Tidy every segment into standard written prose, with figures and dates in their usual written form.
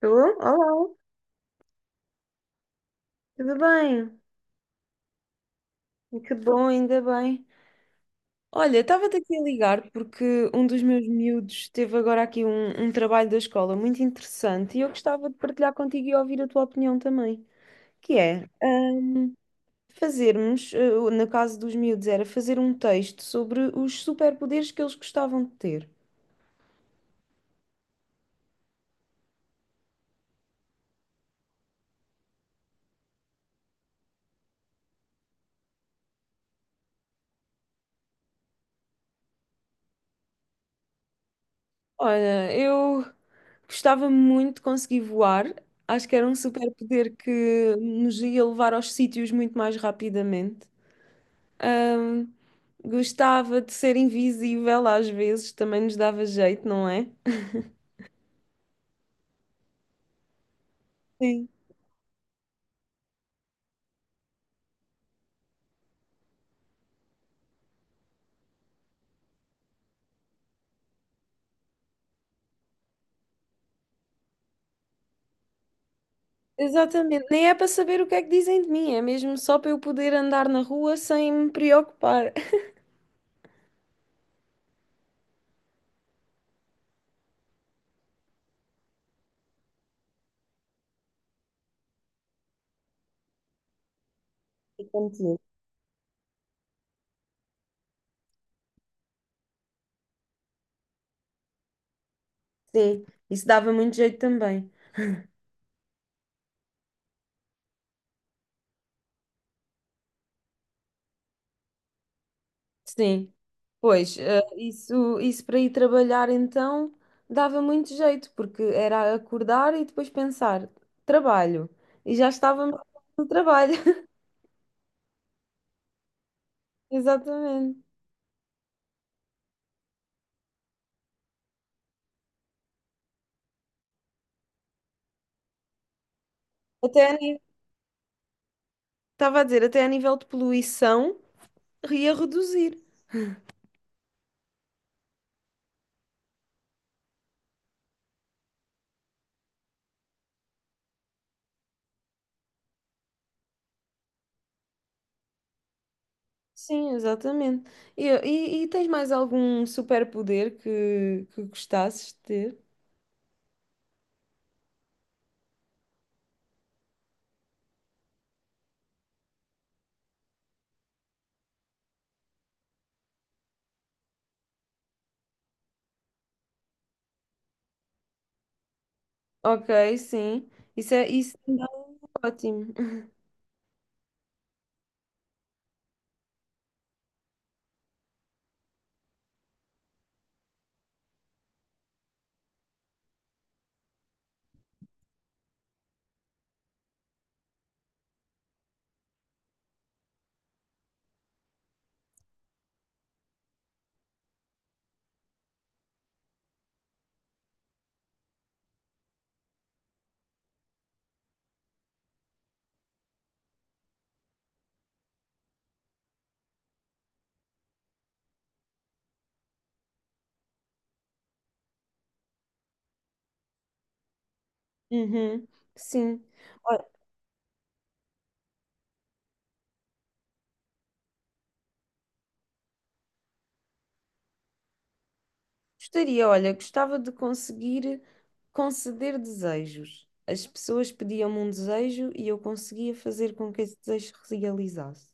Tu? Olá, tudo bem? Que bom, ainda bem. Olha, estava-te aqui a ligar porque um dos meus miúdos teve agora aqui um trabalho da escola muito interessante e eu gostava de partilhar contigo e ouvir a tua opinião também, que é fazermos, no caso dos miúdos, era fazer um texto sobre os superpoderes que eles gostavam de ter. Olha, eu gostava muito de conseguir voar. Acho que era um superpoder que nos ia levar aos sítios muito mais rapidamente. ah, Gostava de ser invisível às vezes, também nos dava jeito, não é? Sim. Exatamente, nem é para saber o que é que dizem de mim, é mesmo só para eu poder andar na rua sem me preocupar. E contigo. Sim, isso dava muito jeito também. Sim, pois, isso para ir trabalhar então dava muito jeito, porque era acordar e depois pensar, trabalho, e já estávamos no trabalho. Exatamente. Até a ni- Estava a dizer, até a nível de poluição. E a reduzir. Sim, exatamente. E tens mais algum superpoder que gostasses de ter? Ok, sim. Isso ainda é ótimo. Uhum, sim. Olha, gostaria, olha, gostava de conseguir conceder desejos. As pessoas pediam-me um desejo e eu conseguia fazer com que esse desejo se realizasse.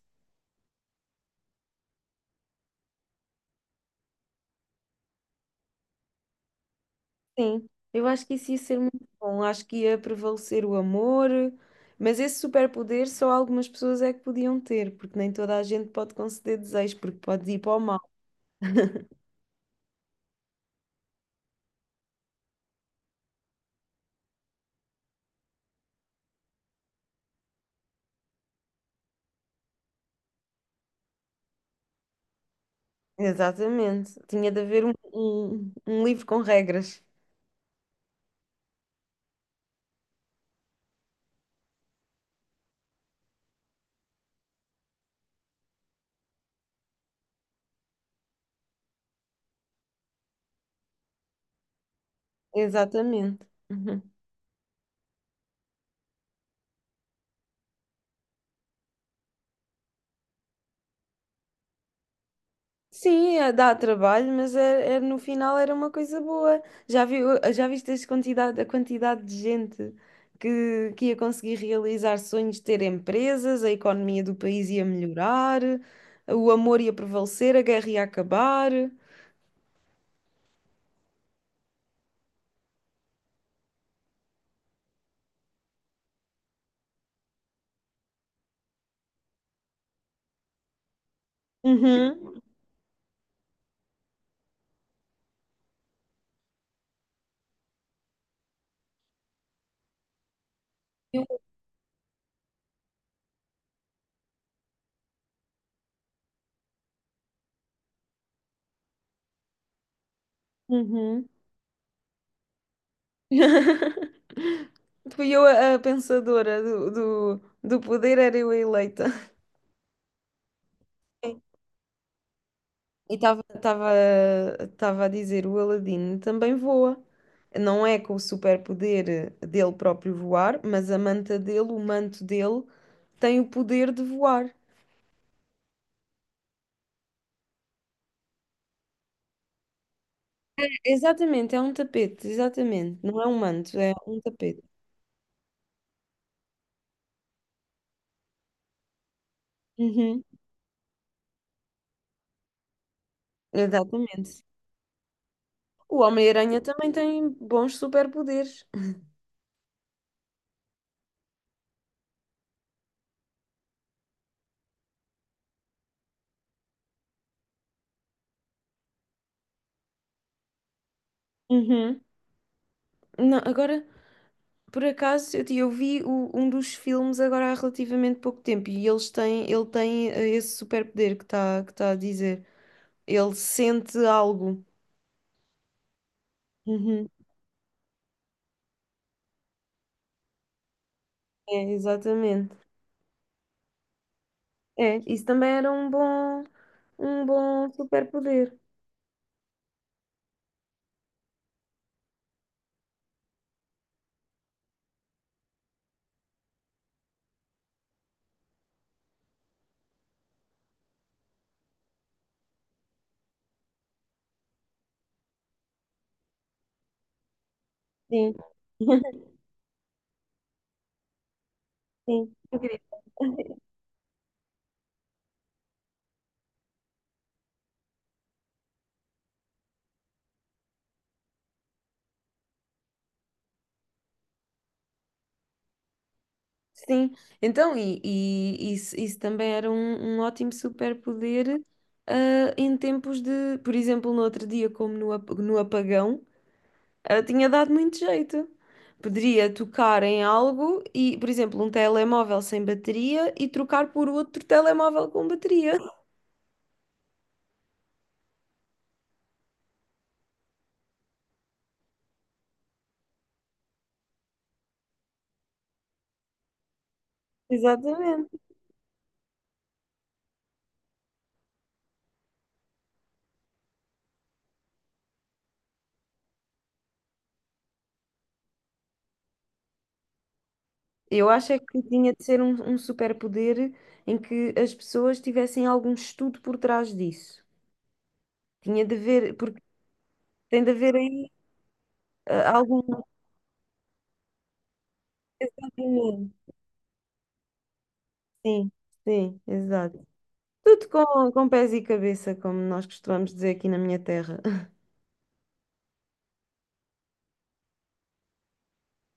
Sim, eu acho que isso ia ser muito bom. Acho que ia prevalecer o amor, mas esse superpoder só algumas pessoas é que podiam ter, porque nem toda a gente pode conceder desejos, porque pode ir para o mal. Exatamente. Tinha de haver um livro com regras. Exatamente. Sim, é- dá trabalho, mas é, é- no final era uma coisa boa. Já viu, Já viste as quantidade, a quantidade de gente que ia conseguir realizar sonhos de ter empresas, a economia do país ia melhorar, o amor ia prevalecer, a guerra ia acabar. Uhum. Eu- Uhum. Fui eu a pensadora do poder, era eu a eleita. E estava a dizer, o Aladino também voa. Não é com o superpoder dele próprio voar, mas a manta dele, o manto dele, tem o poder de voar. Exatamente, é um tapete, exatamente. Não é um manto, é um tapete. Uhum, exatamente. O Homem-Aranha também tem bons superpoderes. Uhum. Não, agora por acaso, eu vi o- um dos filmes agora há relativamente pouco tempo e eles têm, ele tem esse superpoder que está que tá a dizer. Ele sente algo. Uhum. É, exatamente. É, isso também era um bom superpoder. Sim, sim. Incrível. Sim, então, e isso também era um ótimo superpoder em tempos de, por exemplo, no outro dia, como no, ap- no apagão. Tinha dado muito jeito. Poderia tocar em algo e, por exemplo, um telemóvel sem bateria e trocar por outro telemóvel com bateria. Exatamente. Eu acho é que tinha de ser um superpoder em que as pessoas tivessem algum estudo por trás disso. Tinha de haver, porque tem de haver aí algum movimento. Sim, sim, exato. Tudo com pés e cabeça, como nós costumamos dizer aqui na minha terra.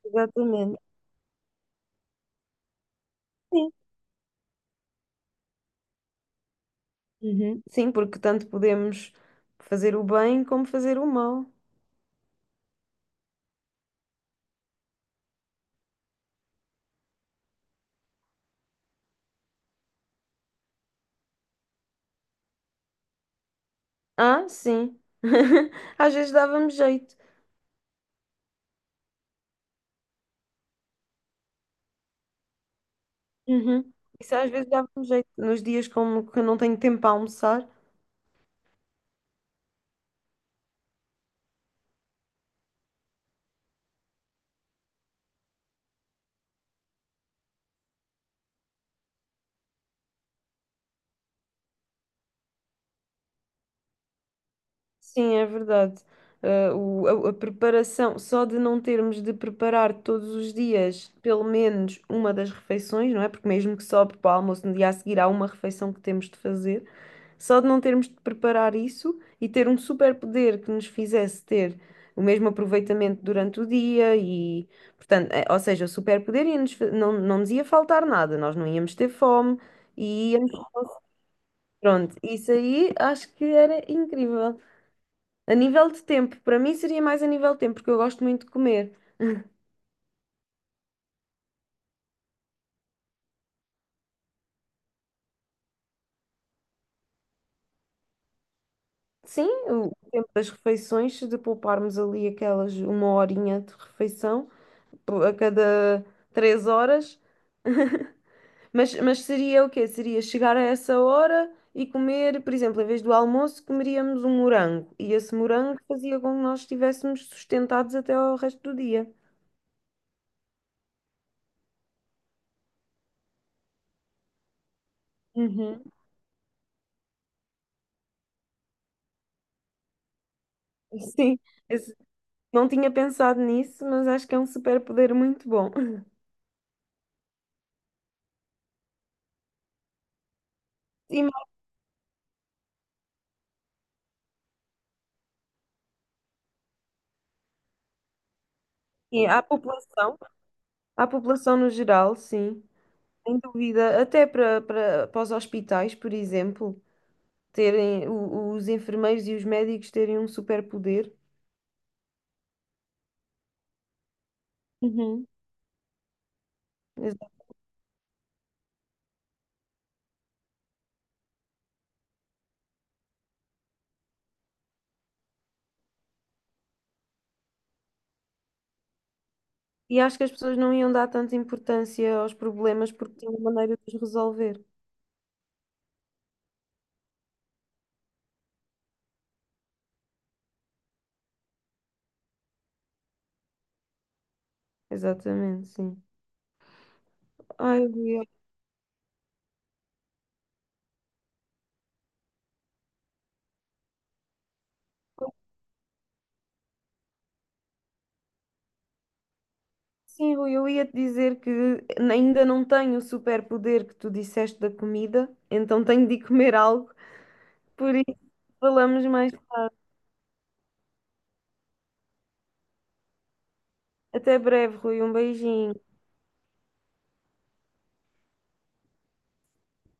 Exatamente. Sim, uhum. Sim, porque tanto podemos fazer o bem como fazer o mal. Ah, sim. Às vezes dávamos jeito. Uhum. Isso às vezes dávamos jeito. Nos dias como que eu não tenho tempo para almoçar, sim, é verdade. Ah, o- a preparação, só de não termos de preparar todos os dias pelo menos uma das refeições, não é? Porque mesmo que sobre para o almoço, no dia a seguir há uma refeição que temos de fazer. Só de não termos de preparar isso e ter um superpoder que nos fizesse ter o mesmo aproveitamento durante o dia e, portanto, ou seja, o superpoder ia-nos fa- não nos ia faltar nada, nós não íamos ter fome e íamos, pronto, isso aí acho que era incrível. A nível de tempo, para mim seria mais a nível de tempo, porque eu gosto muito de comer. Sim, o tempo das refeições, se de pouparmos ali aquelas uma horinha de refeição pô, a cada três horas. Mas seria o quê? Seria chegar a essa hora e comer, por exemplo, em vez do almoço, comeríamos um morango. E esse morango fazia com que nós estivéssemos sustentados até ao resto do dia. Uhum. Sim, esse- não tinha pensado nisso, mas acho que é um superpoder muito bom. E mais, sim, à população no geral, sim, sem dúvida, até para os hospitais, por exemplo, terem o- os enfermeiros e os médicos terem um superpoder. Uhum. E acho que as pessoas não iam dar tanta importância aos problemas porque tinham maneira de os resolver. Exatamente, sim. Ai, Rui, olha, sim, Rui, eu ia te dizer que ainda não tenho o superpoder que tu disseste da comida, então tenho de ir comer algo. Por isso, falamos mais. Até breve, Rui. Um beijinho.